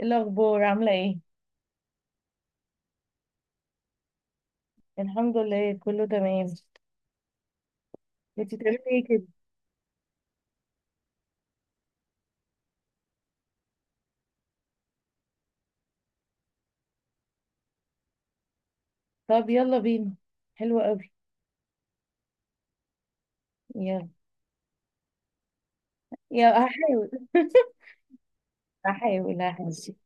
إيه الأخبار، عاملة ايه؟ الحمد لله، كله تمام. انتي بتعملي ايه كده؟ طب يلا بينا. حلوة قوي. يلا. يا هحاول. هحاول هحاول، ماشي.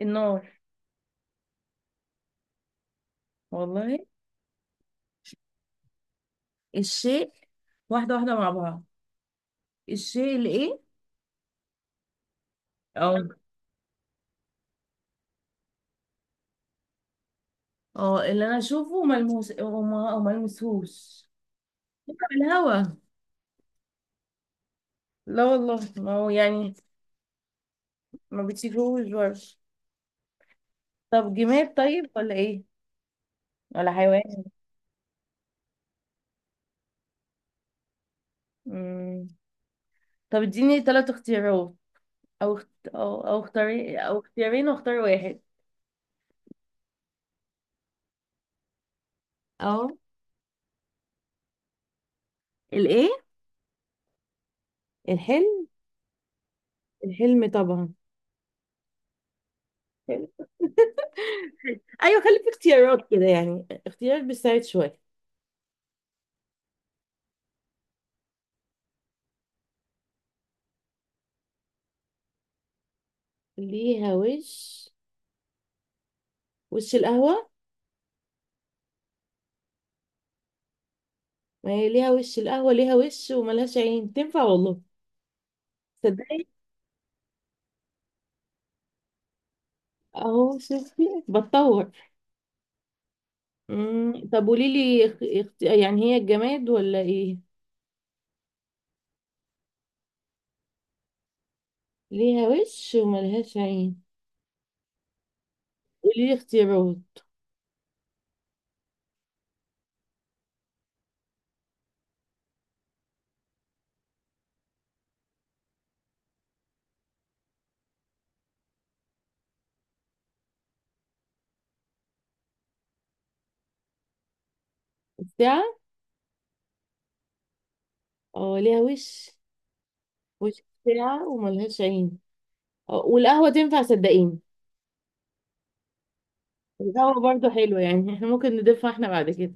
النار. والله. الشيء. واحدة واحدة مع بعض. الشيء اللي ايه؟ اه. اه، اللي انا اشوفه وملموس، وما المسهوش. الهوا. لا والله، ما هو يعني ما بتشوفوش برضه. طب جماد طيب ولا ايه؟ ولا حيوان؟ مم. طب اديني 3 اختيارات، او اختاري او اختيارين واختار واحد. اه. الايه؟ الحلم. الحلم طبعا. حلو. ايوه، خلي في اختيارات كده، يعني اختيارات بتساعد شويه. ليها وش. وش القهوة. ما هي ليها وش القهوة، ليها وش وملهاش عين، تنفع والله. تصدقي؟ اهو، شفتي بتطور. مم. طب قولي لي يعني هي الجماد ولا ايه؟ ليها وش وملهاش عين. قولي لي اختيارات. الساعة. اه، ليها وش. وساعة وملهاش عين. آه، والقهوة تنفع، صدقيني. القهوة برضو حلوة يعني. احنا ممكن نضيفها احنا بعد كده.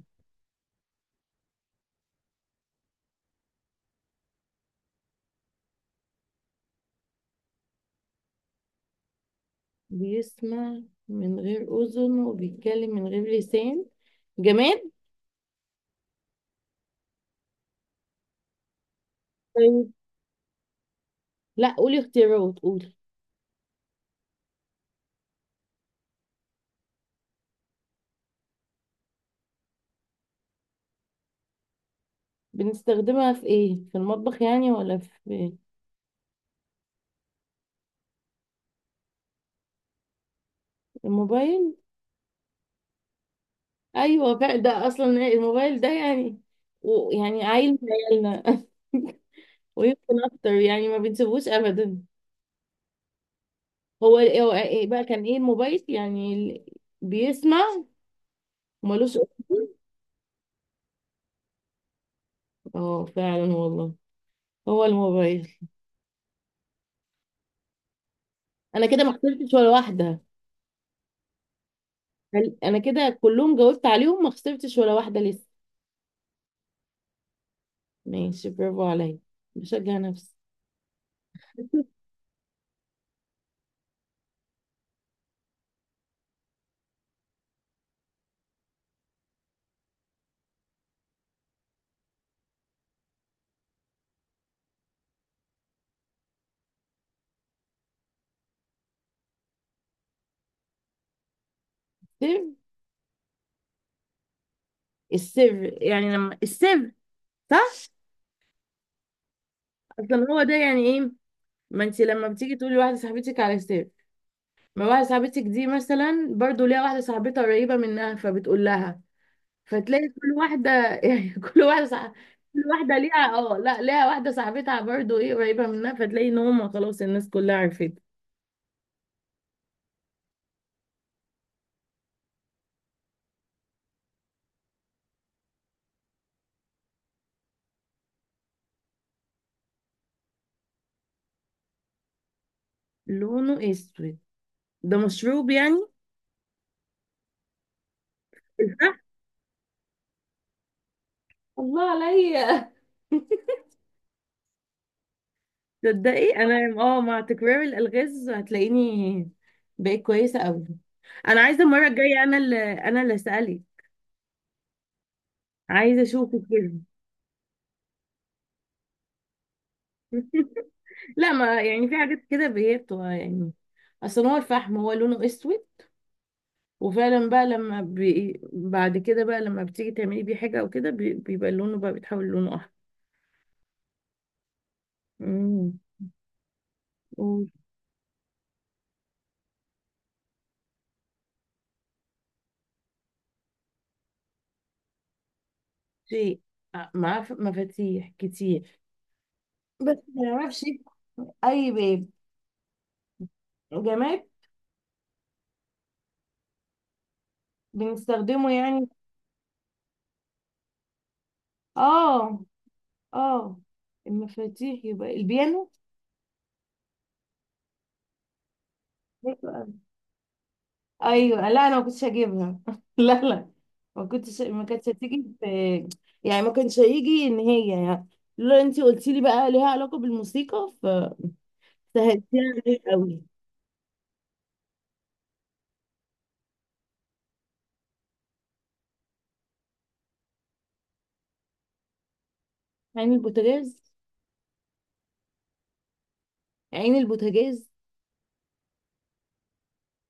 بيسمع من غير أذن وبيتكلم من غير لسان. جماد. طيب. لا، قولي اختيارات، قولي. بنستخدمها في ايه؟ في المطبخ يعني، ولا في؟ الموبايل. ايوه فعلا، ده اصلا الموبايل ده يعني. ويعني عيل في عيالنا. ويمكن اكتر يعني، ما بنسيبوش ابدا. هو هو إيه بقى؟ كان ايه الموبايل يعني بيسمع ومالوش أصول. اه فعلا والله. هو الموبايل. انا كده ما خسرتش ولا واحدة. انا كده كلهم جاوبت عليهم، ما خسرتش ولا واحدة لسه. ماشي. برافو عليا. بشجع نفسي. السر. السر يعني لما السر، صح. اصلا هو ده يعني ايه. ما انت لما بتيجي تقولي واحده صاحبتك على السر، ما واحده صاحبتك دي مثلا برضو ليها واحده صاحبتها قريبه منها، فبتقول لها. فتلاقي كل واحدة، يعني كل واحدة صح... كل واحدة ليها، اه، لا، ليها واحدة صاحبتها برضو، ايه، قريبة منها، فتلاقي ان هما خلاص الناس كلها عرفت. لونه اسود. ده مشروب يعني؟ الفحم. الله عليا. تصدقي، انا اه مع تكرار الالغاز هتلاقيني بقيت كويسة قوي. انا عايزة المرة الجاية انا اللي اسألك. عايزة اشوفك كده. لا، ما يعني في حاجات كده هي بتبقى يعني. اصل هو الفحم، هو لونه اسود. وفعلا بقى، لما بعد كده بقى لما بتيجي تعملي بيه حاجة او كده، بيبقى لونه بقى بيتحول لونه احمر. امم. وشيء معاه مفاتيح كتير، بس ما نعرفش اي باب. جماد. بنستخدمه يعني. اه. اه، المفاتيح يبقى البيانو. ايوه، لا انا ما كنتش هجيبها. لا لا. ما كانتش هتيجي في. يعني ما كانش هيجي ان هي يعني. لو انت قلتي لي بقى ليها علاقه بالموسيقى، سهلتيها عليك قوي. عين البوتاجاز. عين البوتاجاز.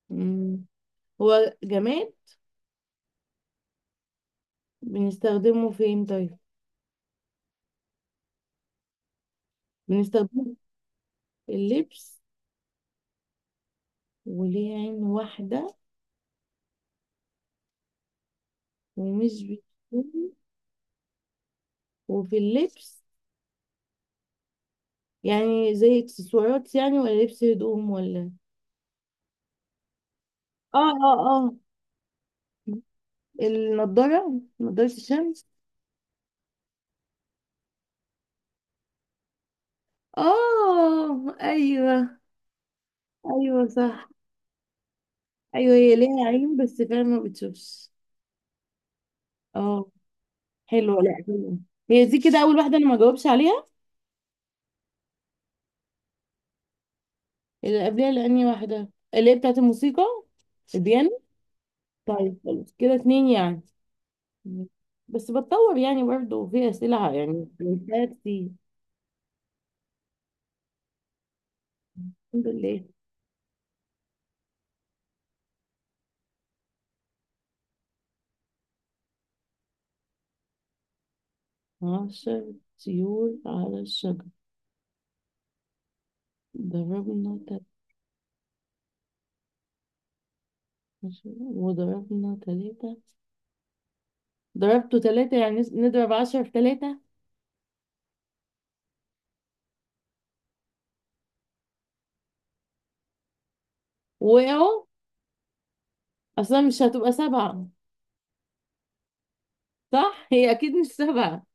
مم. هو جماد؟ بنستخدمه فين طيب؟ بنستخدمه في اللبس. وليه عين واحدة ومش بيكون. وفي اللبس. يعني زي اكسسوارات، يعني ولا لبس هدوم ولا؟ اه اه اه. النضارة، نضارة الشمس. اه، ايوه، ايوه صح. ايوه، هي ليها عين بس فعلا ما بتشوفش. اه. حلوة. لا حلوة. هي دي كده اول واحدة انا ما جاوبش عليها. اللي قبلها، لاني واحدة اللي هي بتاعت الموسيقى، البيانو. طيب، خلاص كده 2 يعني. بس بتطور يعني، برضه في اسئلة يعني بنساها كتير. الحمد لله. 10 طيور على الشجر، ضربنا تل... وضربنا 3. ضربته 3، يعني نضرب 10 في 3. وقعوا؟ أصلا مش هتبقى 7. صح؟ هي أكيد مش 7.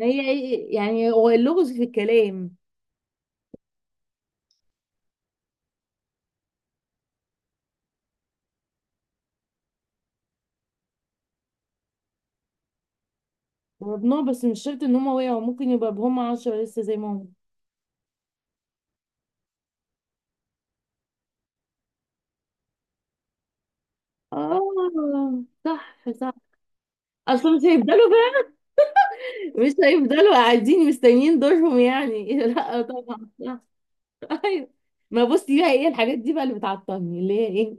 هي يعني هو اللغز في الكلام. ضربناه بس مش شرط ان هما وقعوا، ممكن يبقى بهم 10 لسه زي ما هم. اه، صح صح. اصلا مش هيفضلوا بقى. مش هيفضلوا قاعدين مستنيين دورهم يعني. لا طبعا صح. ايوه. ما بصي بقى، ايه الحاجات دي بقى اللي بتعطلني اللي هي ايه؟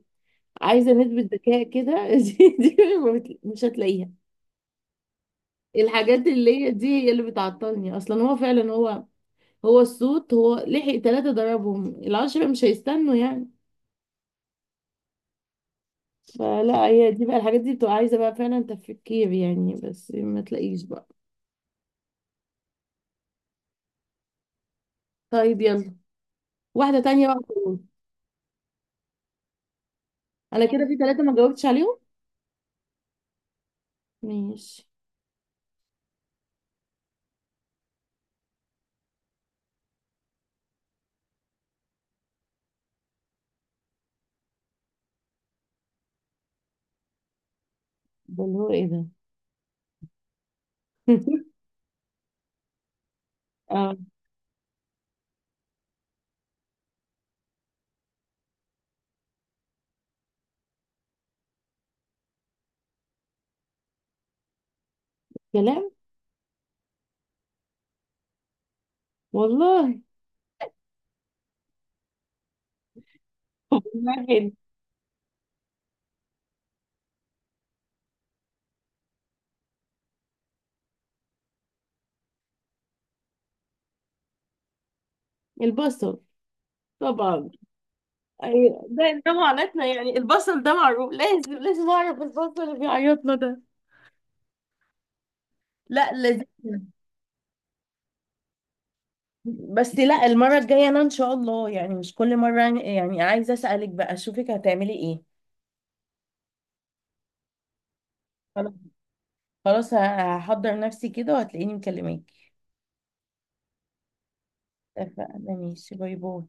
عايزه نسبه ذكاء كده. دي ما بت- مش هتلاقيها. الحاجات اللي هي دي هي اللي بتعطلني اصلا، هو فعلا هو. هو الصوت، هو لحق 3 ضربهم، 10 مش هيستنوا يعني. فلا، هي دي بقى الحاجات دي بتبقى عايزة بقى فعلا تفكير يعني، بس ما تلاقيش بقى. طيب يلا. واحدة تانية بقى خلاص. انا كده في 3 ما جاوبتش عليهم. ماشي. ده اللي هو ايه ده؟ اه، كلام، والله. والله حلو. البصل، طبعا. أيوة. ده معاناتنا يعني. البصل ده معروف، لازم لازم اعرف البصل اللي بيعيطنا ده. لا، لازم. بس لا، المرة الجاية انا ان شاء الله، يعني مش كل مرة يعني عايزة اسألك بقى، اشوفك هتعملي ايه. خلاص، هحضر نفسي كده وهتلاقيني مكلماك. اتفقنا، ماشي. باي باي.